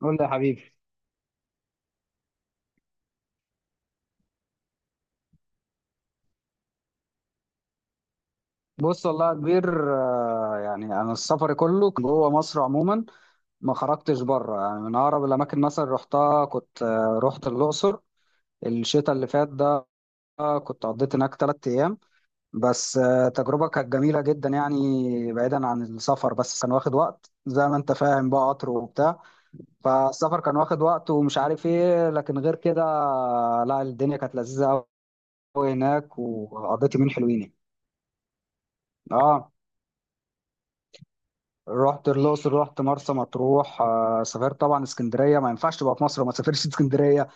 قول لي يا حبيبي. بص والله يا كبير، يعني انا السفر كله كان جوه مصر عموما، ما خرجتش بره. يعني من اقرب الاماكن مثلا رحتها كنت، رحت الاقصر الشتاء اللي فات ده. كنت قضيت هناك ثلاث ايام بس. تجربه كانت جميله جدا، يعني بعيدا عن السفر بس كان واخد وقت زي ما انت فاهم بقى، قطر وبتاع. فالسفر كان واخد وقت ومش عارف ايه، لكن غير كده لا الدنيا كانت لذيذه قوي هناك، وقضيت يومين حلوين يعني. اه، رحت الاقصر، رحت مرسى مطروح، آه سافرت طبعا اسكندريه. ما ينفعش تبقى في مصر وما تسافرش اسكندريه.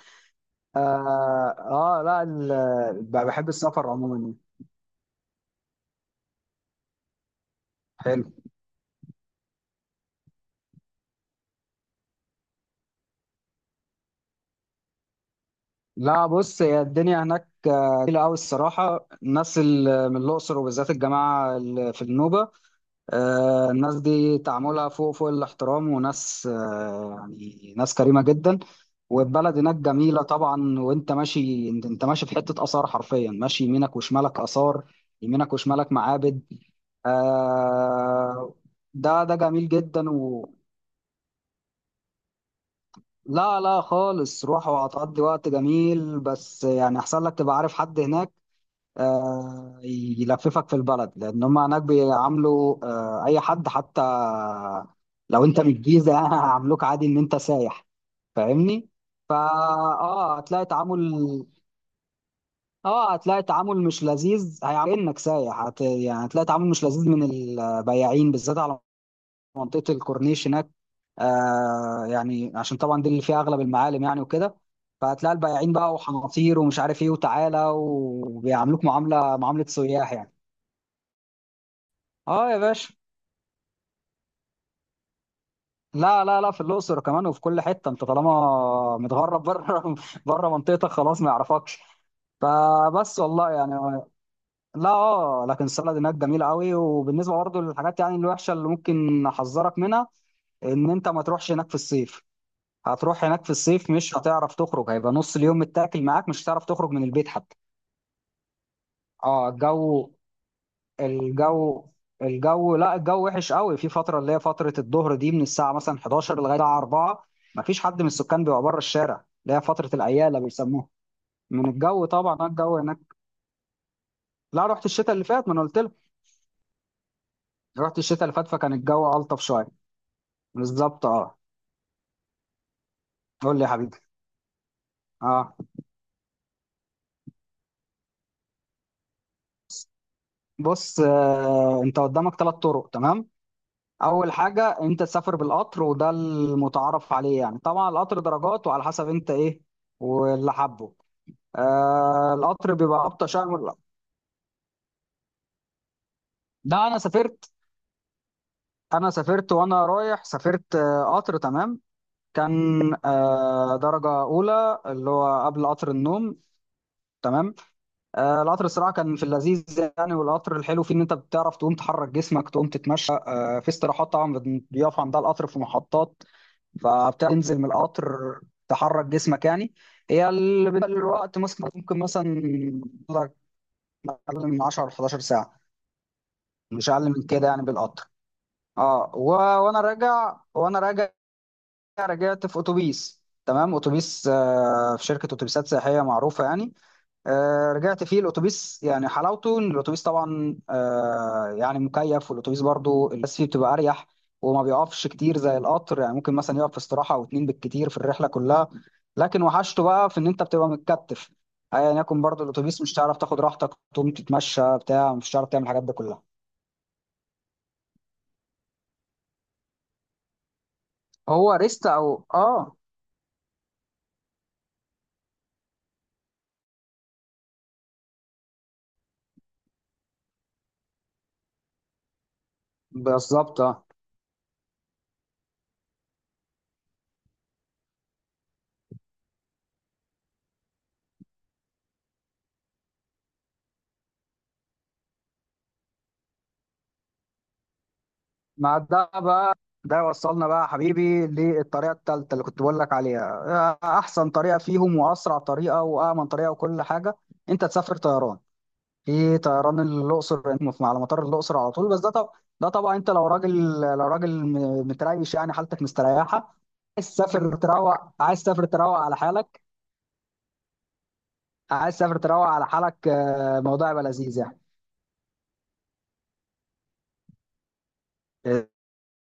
اه, آه لا ال- ب- بحب السفر عموما. حلو، لا بص، هي الدنيا هناك جميله قوي الصراحه. الناس اللي من الاقصر وبالذات الجماعه اللي في النوبه، الناس دي تعاملها فوق فوق الاحترام، وناس ناس كريمة جدا. والبلد هناك جميلة طبعا. وانت ماشي، انت ماشي في حتة آثار، حرفيا ماشي يمينك وشمالك آثار، يمينك وشمالك معابد. آه، ده جميل جدا. لا لا خالص، روح وهتقضي وقت جميل. بس يعني احسن لك تبقى عارف حد هناك يلففك في البلد، لان هم هناك بيعاملوا اي حد. حتى لو انت من الجيزه يعني هيعاملوك عادي ان انت سايح، فاهمني؟ فا اه، هتلاقي تعامل مش لذيذ، هيعاملك انك سايح. هت... يعني هتلاقي تعامل مش لذيذ من البياعين، بالذات على منطقه الكورنيش هناك. يعني عشان طبعا دي اللي فيها اغلب المعالم يعني وكده. فهتلاقي البياعين بقى، وحناطير ومش عارف ايه، وتعالى وبيعاملوك معامله سياح يعني. اه يا باشا، لا لا لا، في الاقصر كمان وفي كل حته انت طالما متغرب بره، منطقتك خلاص ما يعرفكش. فبس والله يعني، لا اه، لكن السلطه هناك جميله قوي. وبالنسبه برضه للحاجات يعني الوحشه اللي ممكن احذرك منها، ان انت ما تروحش هناك في الصيف. هتروح هناك في الصيف، مش هتعرف تخرج، هيبقى نص اليوم متاكل معاك، مش هتعرف تخرج من البيت حتى. اه الجو، الجو الجو لا الجو وحش قوي، في فتره اللي هي فتره الظهر دي، من الساعه مثلا 11 لغايه الساعه 4 ما فيش حد من السكان بيبقى بره الشارع، اللي هي فتره الاياله بيسموها، من الجو طبعا. الجو هناك، لا رحت الشتاء اللي فات، ما انا قلت لك، رحت الشتاء اللي فات، فكان الجو الطف شويه. بالظبط اه. قول لي يا حبيبي. اه بص، انت قدامك ثلاث طرق تمام. اول حاجه انت تسافر بالقطر، وده المتعارف عليه يعني. طبعا القطر درجات، وعلى حسب انت ايه واللي حبه. القطر بيبقى ابطأ شهر. ده انا سافرت انا سافرت وانا رايح، سافرت آه قطر تمام. كان درجة أولى، اللي هو قبل قطر النوم تمام. القطر الصراحة كان في اللذيذ يعني. والقطر الحلو فيه إن أنت بتعرف تقوم تحرك جسمك، تقوم تتمشى، في استراحات طبعا بيقف عندها القطر في محطات. فبتنزل من القطر تحرك جسمك يعني. بالنسبة للوقت مثلا ممكن مثلا أقل من 10 ل 11 ساعة، مش أقل من كده يعني بالقطر. اه و... وانا راجع رجعت في اتوبيس تمام، اتوبيس في شركه اتوبيسات سياحيه معروفه يعني. رجعت فيه الاتوبيس. يعني حلاوته ان الاتوبيس طبعا يعني مكيف. والاتوبيس برضو الناس فيه بتبقى اريح، وما بيقفش كتير زي القطر. يعني ممكن مثلا يقف في استراحه او اتنين بالكتير في الرحله كلها. لكن وحشته بقى في ان انت بتبقى متكتف، ايا يكن برضو الاتوبيس. مش هتعرف تاخد راحتك تقوم تتمشى بتاع، مش هتعرف تعمل الحاجات دي كلها. هو ريست او اه، بالظبط آه. مع ده بقى، ده يوصلنا بقى يا حبيبي للطريقة التالتة اللي كنت بقول لك عليها. أحسن طريقة فيهم، وأسرع طريقة، وأأمن طريقة، وكل حاجة، أنت تسافر طيران. في طيران الأقصر على مطار الأقصر على طول. بس ده طب ده طبعا أنت لو راجل، لو راجل متريش يعني، حالتك مستريحة، عايز تسافر تروق، عايز تسافر تروق على حالك عايز تسافر تروق على حالك، الموضوع يبقى لذيذ. يعني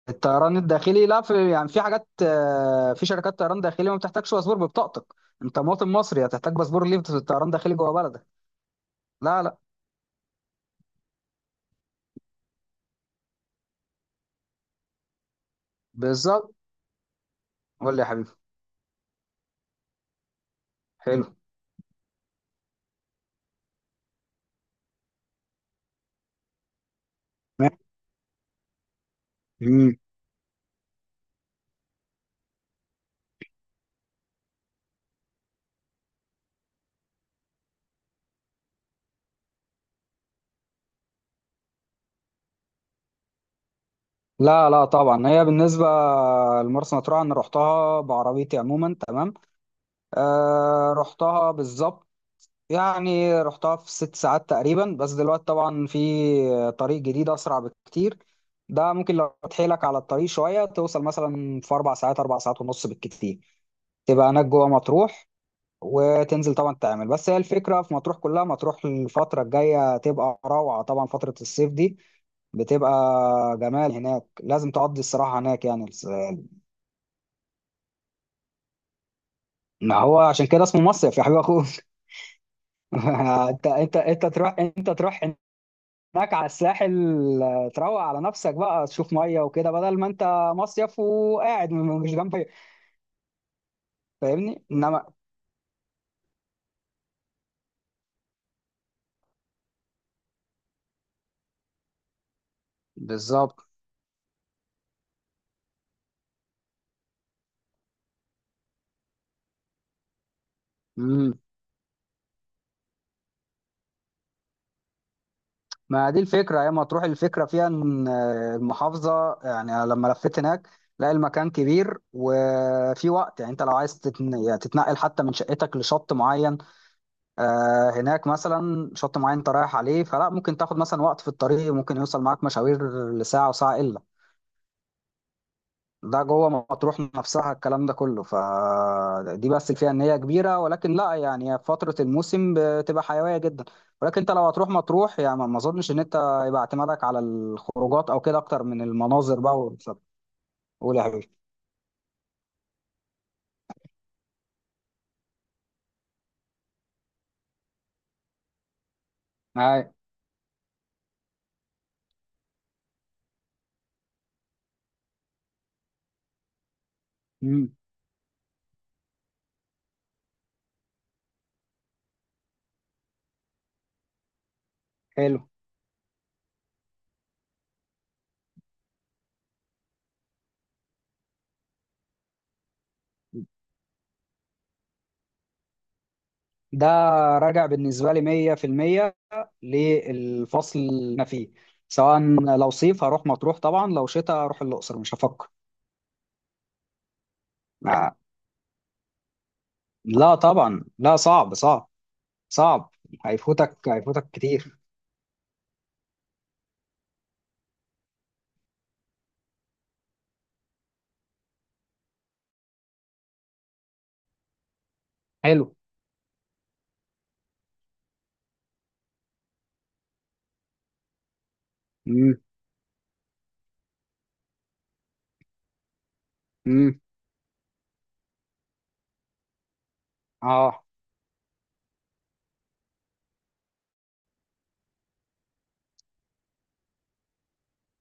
الطيران الداخلي، لا في يعني في حاجات، في شركات طيران داخلي ما بتحتاجش باسبور، ببطاقتك. انت مواطن مصري، هتحتاج باسبور ليه في الطيران الداخلي جوه بلدك؟ لا لا، بالظبط. قول لي يا حبيبي. حلو. ماشي. مم. لا لا طبعا. هي بالنسبه لمرسى مطروح انا رحتها بعربيتي عموما تمام. آه رحتها بالظبط يعني، رحتها في ست ساعات تقريبا. بس دلوقتي طبعا في طريق جديد أسرع بكتير. ده ممكن لو تحيلك على الطريق شوية توصل مثلا في أربع ساعات، أربع ساعات ونص بالكتير، تبقى هناك جوه مطروح، وتنزل طبعا تعمل. بس هي الفكرة في مطروح كلها، مطروح الفترة الجاية تبقى روعة، طبعا فترة الصيف دي بتبقى جمال هناك، لازم تقضي الصراحة هناك يعني. ما هو عشان كده اسمه مصيف يا حبيب أخوك. انت تروح هناك على الساحل، تروق على نفسك بقى، تشوف ميه وكده، بدل ما انت مصيف وقاعد مش جنب، فاهمني؟ انما بالظبط. امم، ما دي الفكره يا ما تروح. الفكره فيها ان المحافظه يعني أنا لما لفيت هناك، لا المكان كبير، وفي وقت يعني انت لو عايز تتنقل حتى من شقتك لشط معين، هناك مثلا شط معين انت رايح عليه، فلا ممكن تاخد مثلا وقت في الطريق، ممكن يوصل معاك مشاوير لساعه وساعه الا، ده جوه مطروح نفسها الكلام ده كله. فدي بس الفئة ان هي كبيرة، ولكن لا يعني هي في فترة الموسم بتبقى حيوية جدا. ولكن انت لو هتروح مطروح، يعني ما اظنش ان انت يبقى اعتمادك على الخروجات او كده اكتر من المناظر بقى قول يا حبيبي. هاي. امم. حلو ده، راجع بالنسبة لي 100% للفصل اللي انا فيه. سواء لو صيف هروح مطروح طبعا، لو شتاء هروح الأقصر، مش هفكر. آه، لا طبعا، لا صعب صعب صعب، هيفوتك، كتير. حلو. امم. امم. اه.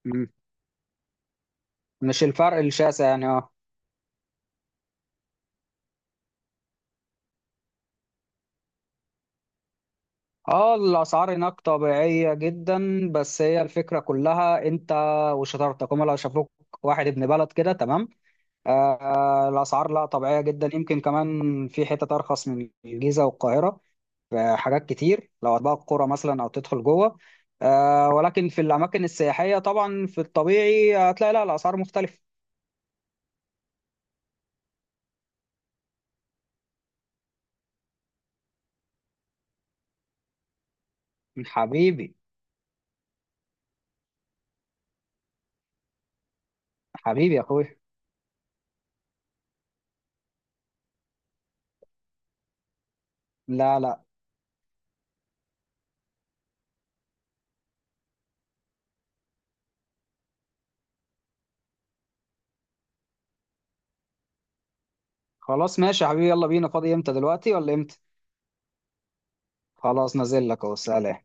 امم. مش الفرق الشاسع يعني، اه اه. الاسعار هناك طبيعيه جدا، بس هي الفكره كلها انت وشطارتك، هم لو شافوك واحد ابن بلد كده تمام. آه الاسعار لا طبيعيه جدا، يمكن كمان في حتت ارخص من الجيزه والقاهره في حاجات كتير، لو هتبقى القرى مثلا او تدخل جوه. آه، ولكن في الاماكن السياحيه طبعا في الطبيعي هتلاقي لا الاسعار مختلفه. حبيبي. حبيبي يا اخوي. لا لا. خلاص ماشي يا حبيبي، يلا بينا. فاضي امتى؟ دلوقتي ولا امتى؟ خلاص نازل لك اهو، سلام.